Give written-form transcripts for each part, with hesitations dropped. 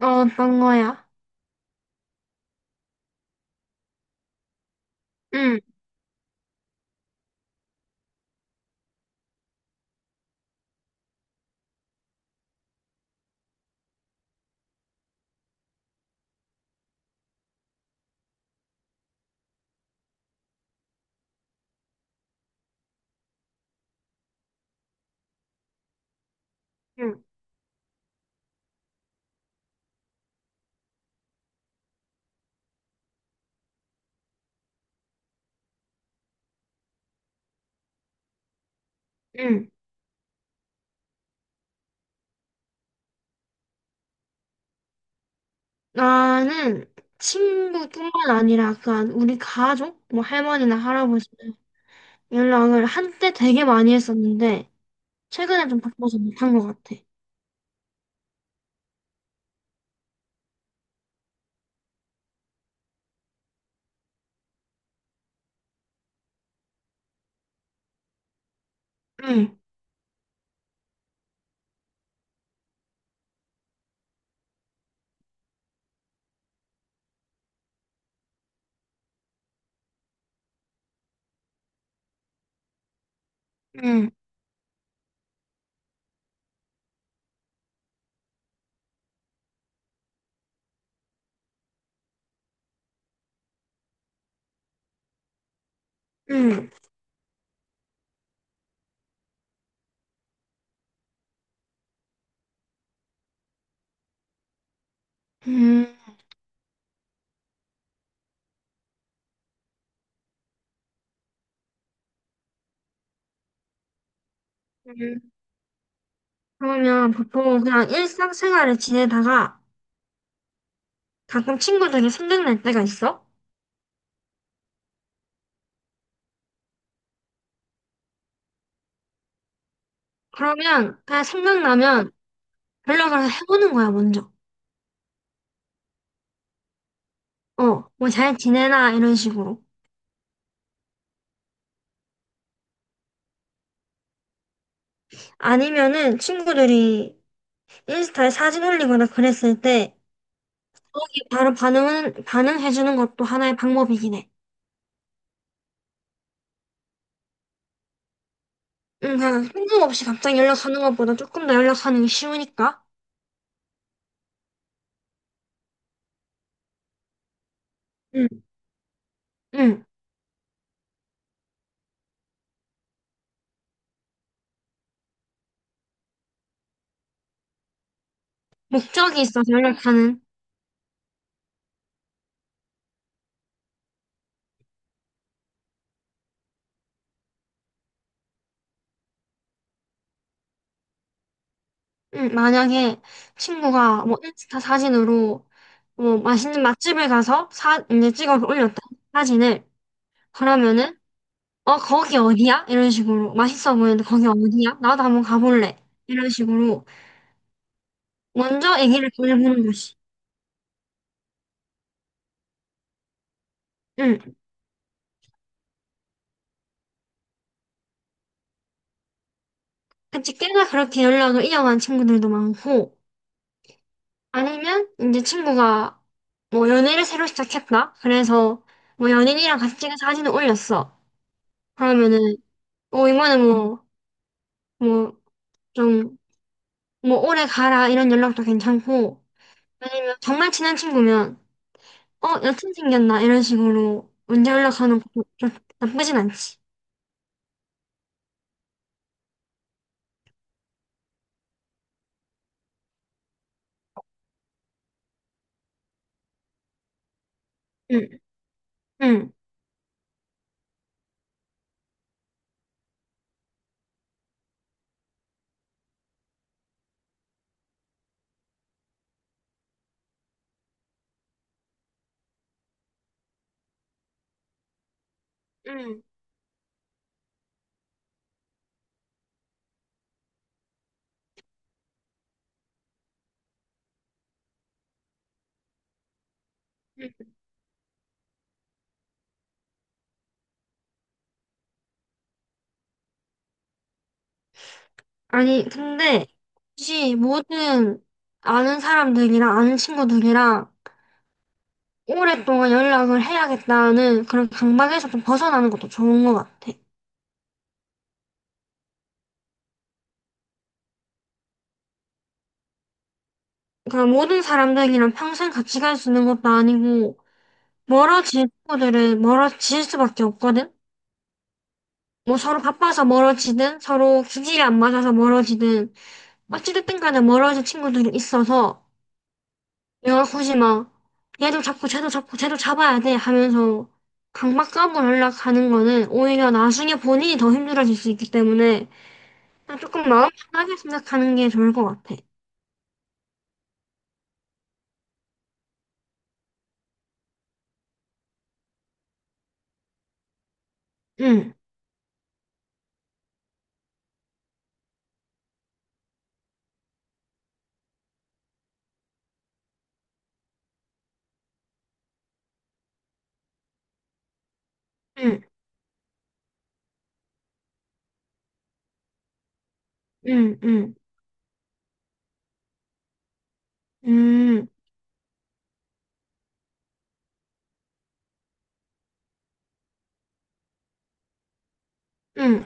어, 어떤 거야? 응, 응, 응. 나는 친구뿐만 아니라 우리 가족, 뭐 할머니나 할아버지 연락을 한때 되게 많이 했었는데 최근에 좀 바빠서 못한 것 같아. 응, 응, 응, 응. 응. 그러면 보통 그냥 일상생활을 지내다가 가끔 친구들이 생각날 때가 있어? 그러면 그냥 생각나면 연락을 해보는 거야, 먼저. 어, 뭐 잘 지내나 이런 식으로. 아니면은 친구들이 인스타에 사진 올리거나 그랬을 때 바로 반응해주는 것도 하나의 방법이긴 해. 응, 그냥 생각 없이 갑자기 연락하는 것보다 조금 더 연락하는 게 쉬우니까. 응, 응. 목적이 있어서 연락하는. 응, 만약에 친구가 뭐 인스타 사진으로 뭐 맛있는 맛집을 가서 이제 찍어서 올렸다. 사진을. 그러면은, 어, 거기 어디야? 이런 식으로. 맛있어 보이는데 거기 어디야? 나도 한번 가볼래. 이런 식으로. 먼저 애기를 보내보는 것이. 응. 그치, 꽤나 그렇게 연락을 이어간 친구들도 많고, 아니면 이제 친구가 뭐 연애를 새로 시작했다? 그래서 뭐 연인이랑 같이 찍은 사진을 올렸어. 그러면은, 뭐 이거는 뭐, 뭐, 좀, 뭐 오래 가라 이런 연락도 괜찮고, 정말 친한 친구면, 어, 여친 생겼나? 이런 식으로 문제 연락하는 것도 좀 나쁘진 않지. 응, 응, 응, 응. 아니, 근데 혹시 모든 아는 사람들이랑 아는 친구들이랑 오랫동안 연락을 해야겠다는 그런 강박에서 좀 벗어나는 것도 좋은 것 같아. 그러니까 모든 사람들이랑 평생 같이 갈 수 있는 것도 아니고 멀어질 친구들은 멀어질 수밖에 없거든. 뭐 서로 바빠서 멀어지든 서로 기질이 안 맞아서 멀어지든 어찌됐든 간에 멀어질 친구들이 있어서 내가 굳이 막 얘도 잡고 쟤도 잡고 쟤도 잡아야 돼 하면서 강박 싸움을 하려고 하는 거는 오히려 나중에 본인이 더 힘들어질 수 있기 때문에 그냥 조금 마음 편하게 생각하는 게 좋을 것 같아. 응, 응, 응, 응, 응, 응.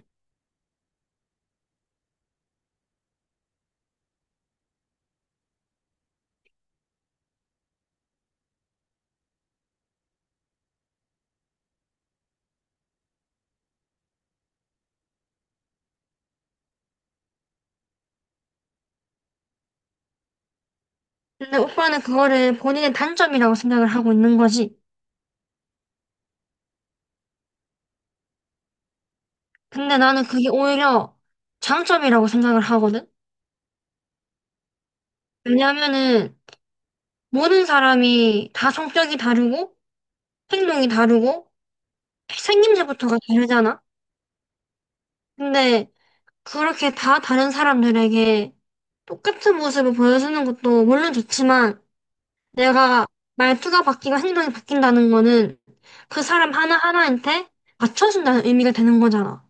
근데 오빠는 그거를 본인의 단점이라고 생각을 하고 있는 거지. 근데 나는 그게 오히려 장점이라고 생각을 하거든. 왜냐하면은 모든 사람이 다 성격이 다르고 행동이 다르고 생김새부터가 다르잖아. 근데 그렇게 다 다른 사람들에게 똑같은 모습을 보여주는 것도 물론 좋지만 내가 말투가 바뀌고 행동이 바뀐다는 거는 그 사람 하나하나한테 맞춰준다는 의미가 되는 거잖아.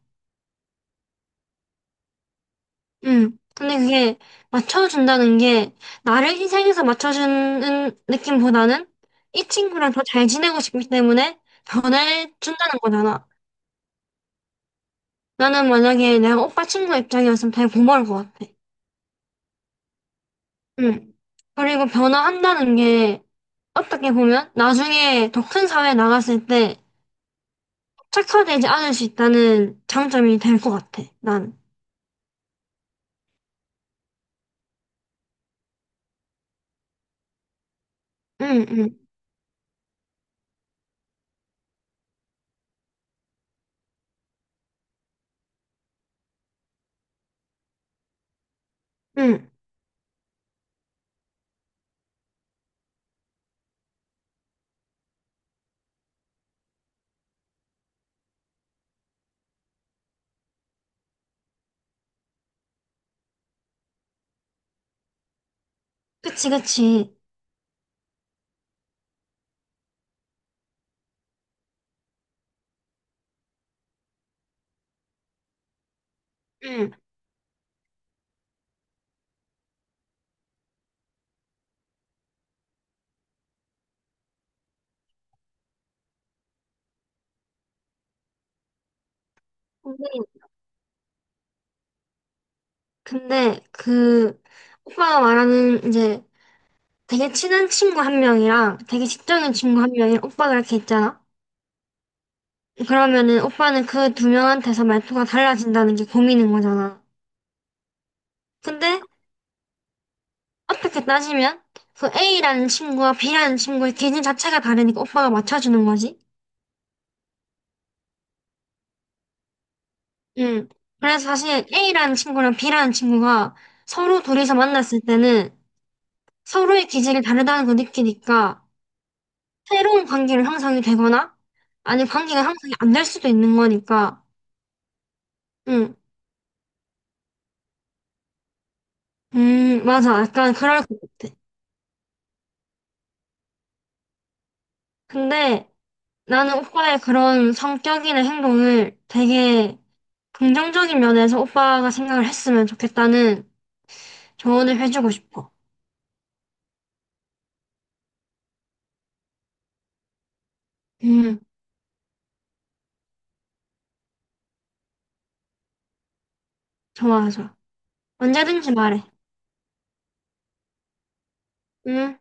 응. 근데 그게 맞춰준다는 게 나를 희생해서 맞춰주는 느낌보다는 이 친구랑 더 잘 지내고 싶기 때문에 변해준다는 거잖아. 나는 만약에 내가 오빠 친구 입장이었으면 되게 고마울 것 같아. 음. 그리고 변화한다는 게 어떻게 보면 나중에 더 큰 사회에 나갔을 때 착처되지 않을 수 있다는 장점이 될 것 같아, 난. 응, 응, 응. 그치, 그치. 응. 근데, 근데 그 오빠가 말하는 이제 되게 친한 친구 한 명이랑 되게 직적인 친구 한 명이 오빠가 이렇게 있잖아? 그러면은 오빠는 그 두 명한테서 말투가 달라진다는 게 고민인 거잖아. 근데 어떻게 따지면 그 A라는 친구와 B라는 친구의 기질 자체가 다르니까 오빠가 맞춰주는 거지. 응. 그래서 사실 A라는 친구랑 B라는 친구가 서로 둘이서 만났을 때는 서로의 기질이 다르다는 걸 느끼니까 새로운 관계를 형성이 되거나 아니면 관계가 형성이 안 될 수도 있는 거니까. 응. 맞아. 약간 그럴 것 같아. 근데 나는 오빠의 그런 성격이나 행동을 되게 긍정적인 면에서 오빠가 생각을 했으면 좋겠다는 조언을 해주고 싶어. 응, 좋아서. 언제든지 말해. 응.